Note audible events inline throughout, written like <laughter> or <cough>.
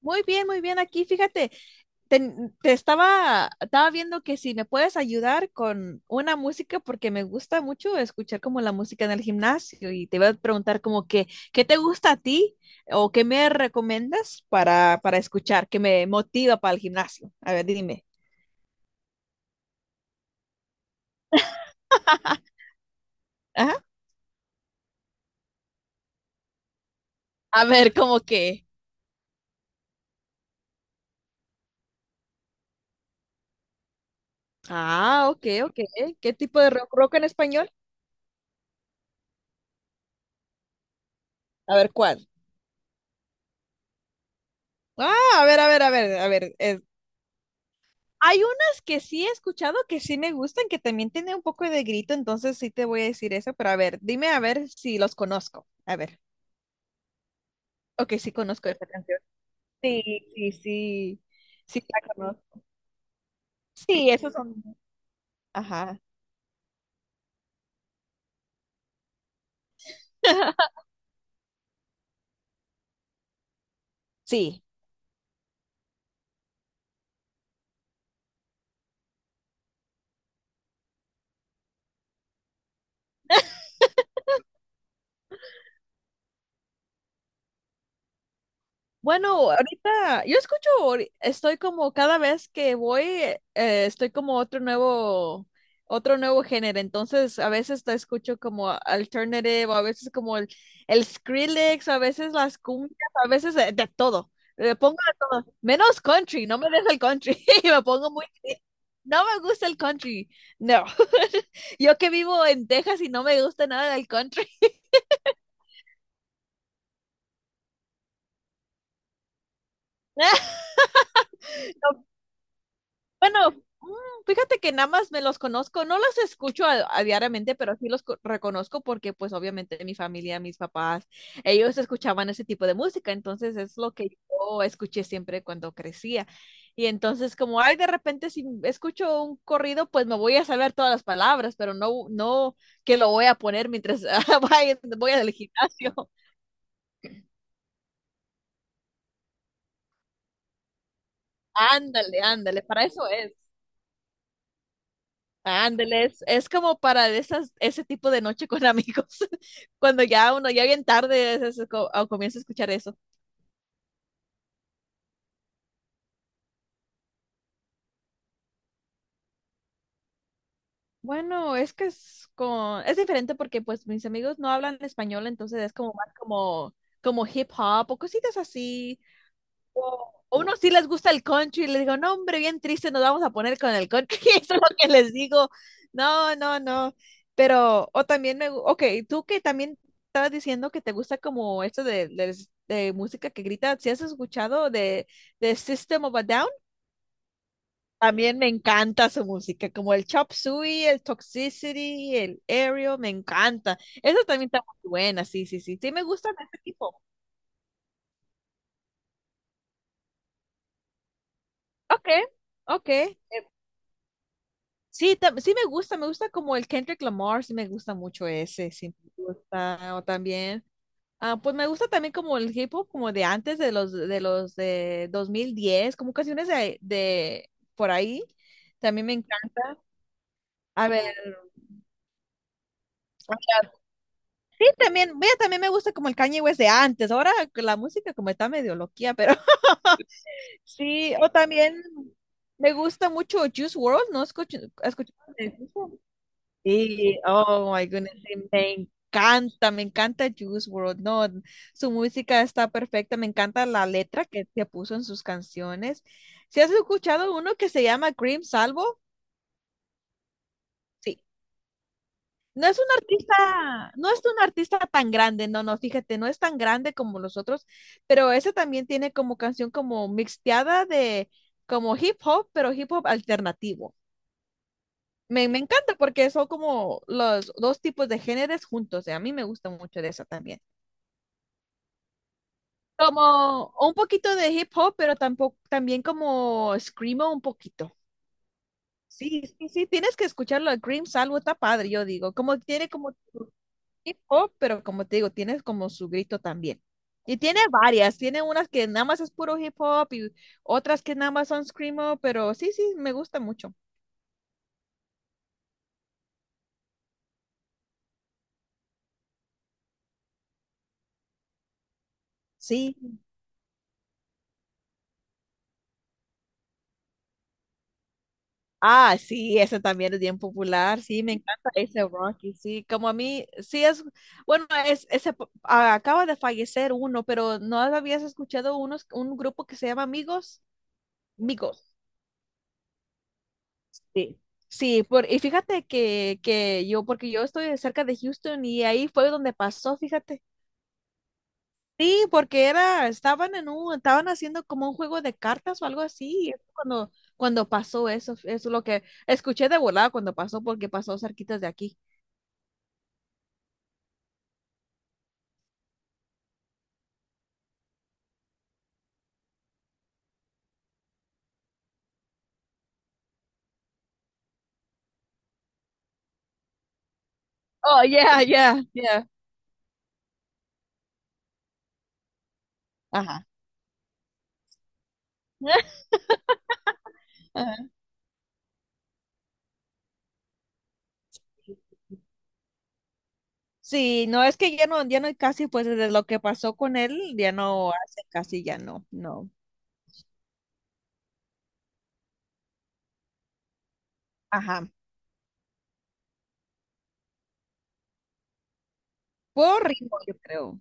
Muy bien, muy bien. Aquí, fíjate, estaba viendo que si me puedes ayudar con una música, porque me gusta mucho escuchar como la música en el gimnasio y te voy a preguntar como que, ¿qué te gusta a ti o qué me recomiendas para escuchar, que me motiva para el gimnasio? A ver, dime. Ajá. A ver, como que. Ah, ok, ok. ¿Qué tipo de rock, rock en español? A ver, ¿cuál? Ah, a ver, a ver, a ver, a ver. Hay unas que sí he escuchado que sí me gustan, que también tienen un poco de grito, entonces sí te voy a decir eso, pero a ver, dime a ver si los conozco. A ver, ok, sí conozco esa canción. Sí, sí, sí, sí la conozco. Sí, esos son. Ajá. <laughs> Sí. Bueno, ahorita yo escucho, estoy como cada vez que voy, estoy como otro nuevo género. Entonces, a veces te escucho como alternative, o a veces como el Skrillex, o a veces las cumbias, a veces de todo. Le pongo de todo, menos country, no me deja el country. <laughs> Me pongo muy triste. No me gusta el country, no. <laughs> Yo que vivo en Texas y no me gusta nada del country. <laughs> Bueno, fíjate que nada más me los conozco, no los escucho a diariamente, pero sí los reconozco porque pues obviamente mi familia, mis papás, ellos escuchaban ese tipo de música, entonces es lo que yo escuché siempre cuando crecía. Y entonces como, ay, de repente si escucho un corrido, pues me voy a saber todas las palabras, pero no que lo voy a poner mientras <laughs> voy al gimnasio. Ándale, ándale, para eso es. Ándale, es como para de esas, ese tipo de noche con amigos, <laughs> cuando ya uno ya bien tarde es co- o comienza a escuchar eso. Bueno, es que es diferente porque pues mis amigos no hablan español, entonces es como más como, como hip hop o cositas así. O unos sí les gusta el country y les digo, no, hombre, bien triste, nos vamos a poner con el country. <laughs> Eso es lo que les digo. No, no, no. Pero, o también ok, tú que también estabas diciendo que te gusta como esto de música que grita, ¿si has escuchado de System of a Down? También me encanta su música, como el Chop Suey, el Toxicity, el Aerial, me encanta. Eso también está muy buena, sí, sí, sí. Sí, me gusta de este tipo. Ok, ok. Sí, sí me gusta como el Kendrick Lamar, sí me gusta mucho ese, sí me gusta o también. Ah, pues me gusta también como el hip hop como de antes de los de 2010, como canciones de por ahí. También me encanta. A ver, o sea, sí también, mira, también me gusta como el Kanye West de antes. Ahora la música como está medio loquía, pero <laughs> sí, o también me gusta mucho Juice WRLD, ¿no? Escucho. Sí, oh my goodness, sí, me encanta Juice World, no, su música está perfecta, me encanta la letra se puso en sus canciones. ¿Si has escuchado uno que se llama Cream Salvo? Sí, no es un artista, no es un artista tan grande, no, no, fíjate, no es tan grande como los otros, pero ese también tiene como canción como mixteada de como hip hop, pero hip hop alternativo. Me encanta porque son como los dos tipos de géneros juntos. Y a mí me gusta mucho de eso también. Como un poquito de hip hop, pero tampoco, también como screamo un poquito. Sí, sí, sí, tienes que escucharlo a Cream Salvo, está padre, yo digo. Como tiene como hip hop, pero como te digo, tienes como su grito también. Y tiene varias, tiene unas que nada más es puro hip hop y otras que nada más son screamo, pero sí, sí, me gusta mucho. Sí. Ah, sí, ese también es bien popular, sí, me encanta ese Rocky, sí, como a mí, sí es, bueno, es, ese, acaba de fallecer uno, pero ¿no habías escuchado unos, un grupo que se llama Amigos? Migos, sí. Sí, por, y fíjate que yo, porque yo estoy cerca de Houston y ahí fue donde pasó, fíjate. Sí, porque era, estaban en un, estaban haciendo como un juego de cartas o algo así, y es cuando pasó eso, eso es lo que escuché de volada cuando pasó, porque pasó cerquitas de aquí. Oh, yeah, yeah, yeah. Ajá. <laughs> Ajá. Sí, no es que ya no, ya no hay casi, pues desde lo que pasó con él, ya no hace casi, ya no, no. Ajá. Por ritmo, yo creo.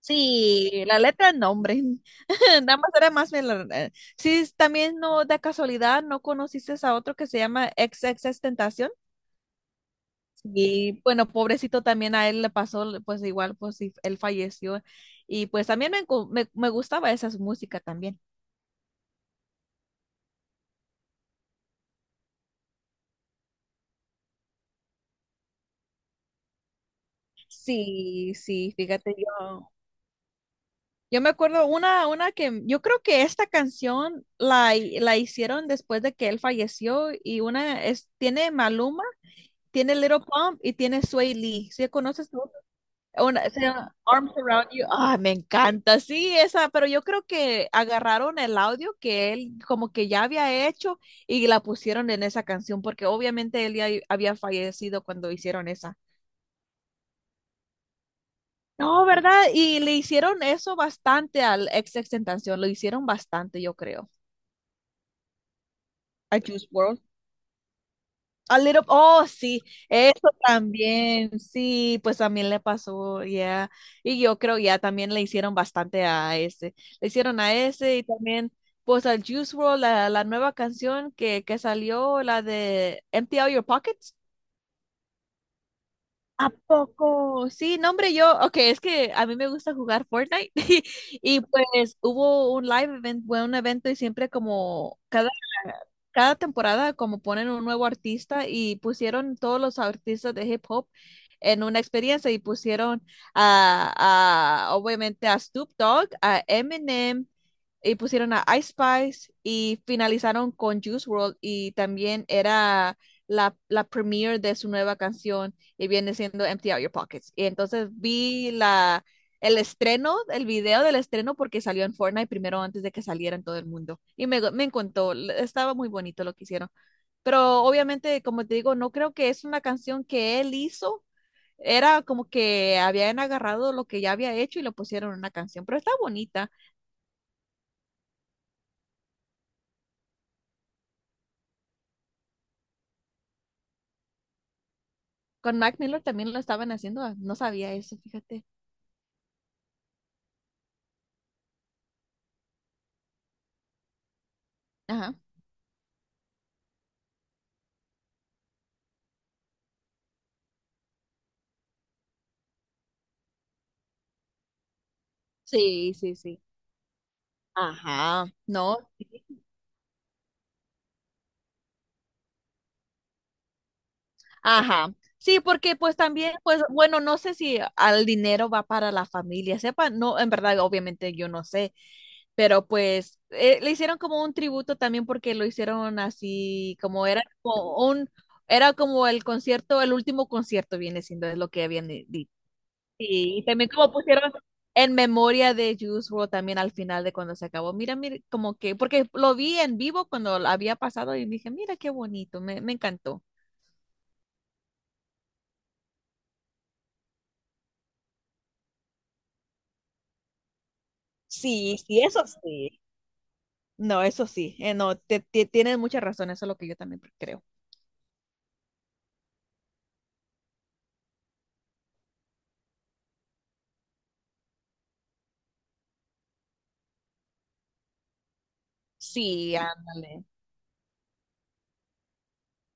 Sí, la letra no, hombre. <laughs> Nada más era más. Sí, también no, de casualidad, ¿no conociste a otro que se llama ex Tentación? Y bueno, pobrecito también a él le pasó, pues igual, pues sí, él falleció. Y pues también me gustaba esa música también. Sí, sí, fíjate, yo me acuerdo una que yo creo que esta canción la hicieron después de que él falleció y una es, tiene Maluma, tiene Little Pump y tiene Sway Lee. ¿Sí conoces tú? Una, se llama Arms Around You. Ah, me encanta, sí, esa, pero yo creo que agarraron el audio que él como que ya había hecho y la pusieron en esa canción porque obviamente él ya había fallecido cuando hicieron esa. No, ¿verdad? Y le hicieron eso bastante al ex extentación, lo hicieron bastante, yo creo. A Juice World, a little, oh, sí, eso también, sí, pues también le pasó, ya. Y yo creo ya también le hicieron bastante a ese. Le hicieron a ese y también, pues al Juice World la nueva canción que salió, la de Empty Out Your Pockets. ¿A poco? Sí, no, hombre, yo, ok, es que a mí me gusta jugar Fortnite <laughs> y pues hubo un live event, fue un evento y siempre como cada temporada como ponen un nuevo artista y pusieron todos los artistas de hip hop en una experiencia y pusieron obviamente a Snoop Dogg, a Eminem y pusieron a Ice Spice y finalizaron con Juice World y también era la premiere de su nueva canción y viene siendo Empty Out Your Pockets. Y entonces vi el estreno, el video del estreno, porque salió en Fortnite primero antes de que saliera en todo el mundo. Y me encantó, estaba muy bonito lo que hicieron. Pero obviamente, como te digo, no creo que es una canción que él hizo. Era como que habían agarrado lo que ya había hecho y lo pusieron en una canción, pero está bonita. Con Mac Miller también lo estaban haciendo, ah, no sabía eso, fíjate. Ajá. Sí, sí, sí. Ajá. No. Ajá. Sí, porque pues también, pues bueno, no sé si al dinero va para la familia, sepa, no, en verdad, obviamente yo no sé, pero pues le hicieron como un tributo también porque lo hicieron así, como era como un, era como el concierto, el último concierto viene siendo, es lo que habían dicho. Sí, y también como pusieron en memoria de Juice WRLD también al final de cuando se acabó, mira, mira, como que, porque lo vi en vivo cuando había pasado y dije, mira qué bonito, me encantó. Sí, sí, eso sí. No, eso sí. No, tienes mucha razón, eso es lo que yo también creo. Sí, ándale.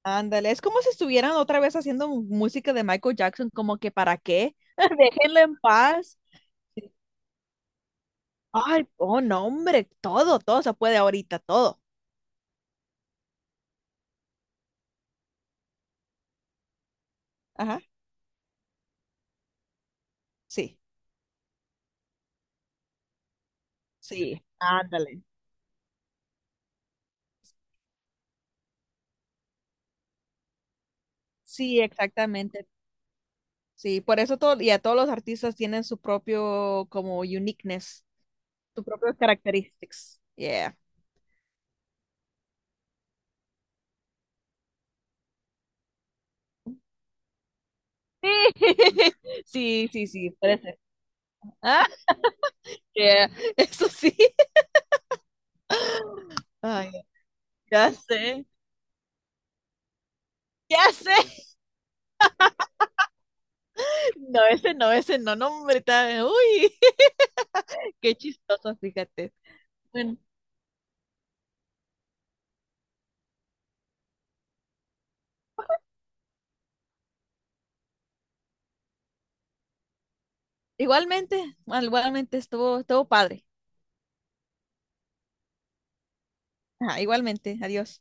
Ándale, es como si estuvieran otra vez haciendo música de Michael Jackson, como que ¿para qué? <laughs> Déjenlo en paz. Ay, oh, no, hombre, todo, todo se puede ahorita, todo. Ajá, sí, sí, ándale. Sí, exactamente. Sí, por eso todo, y a todos los artistas tienen su propio como uniqueness, su propio characteristics. Yeah. Sí, <laughs> sí, sí, sí, parece. Ah, yeah, <laughs> eso sí. Ay, ya sé, ya sé. No, ese no, ese no, no, hombre, está- uy, <laughs> qué chistoso, fíjate. Bueno, igualmente, igualmente estuvo padre. Ajá, igualmente, adiós.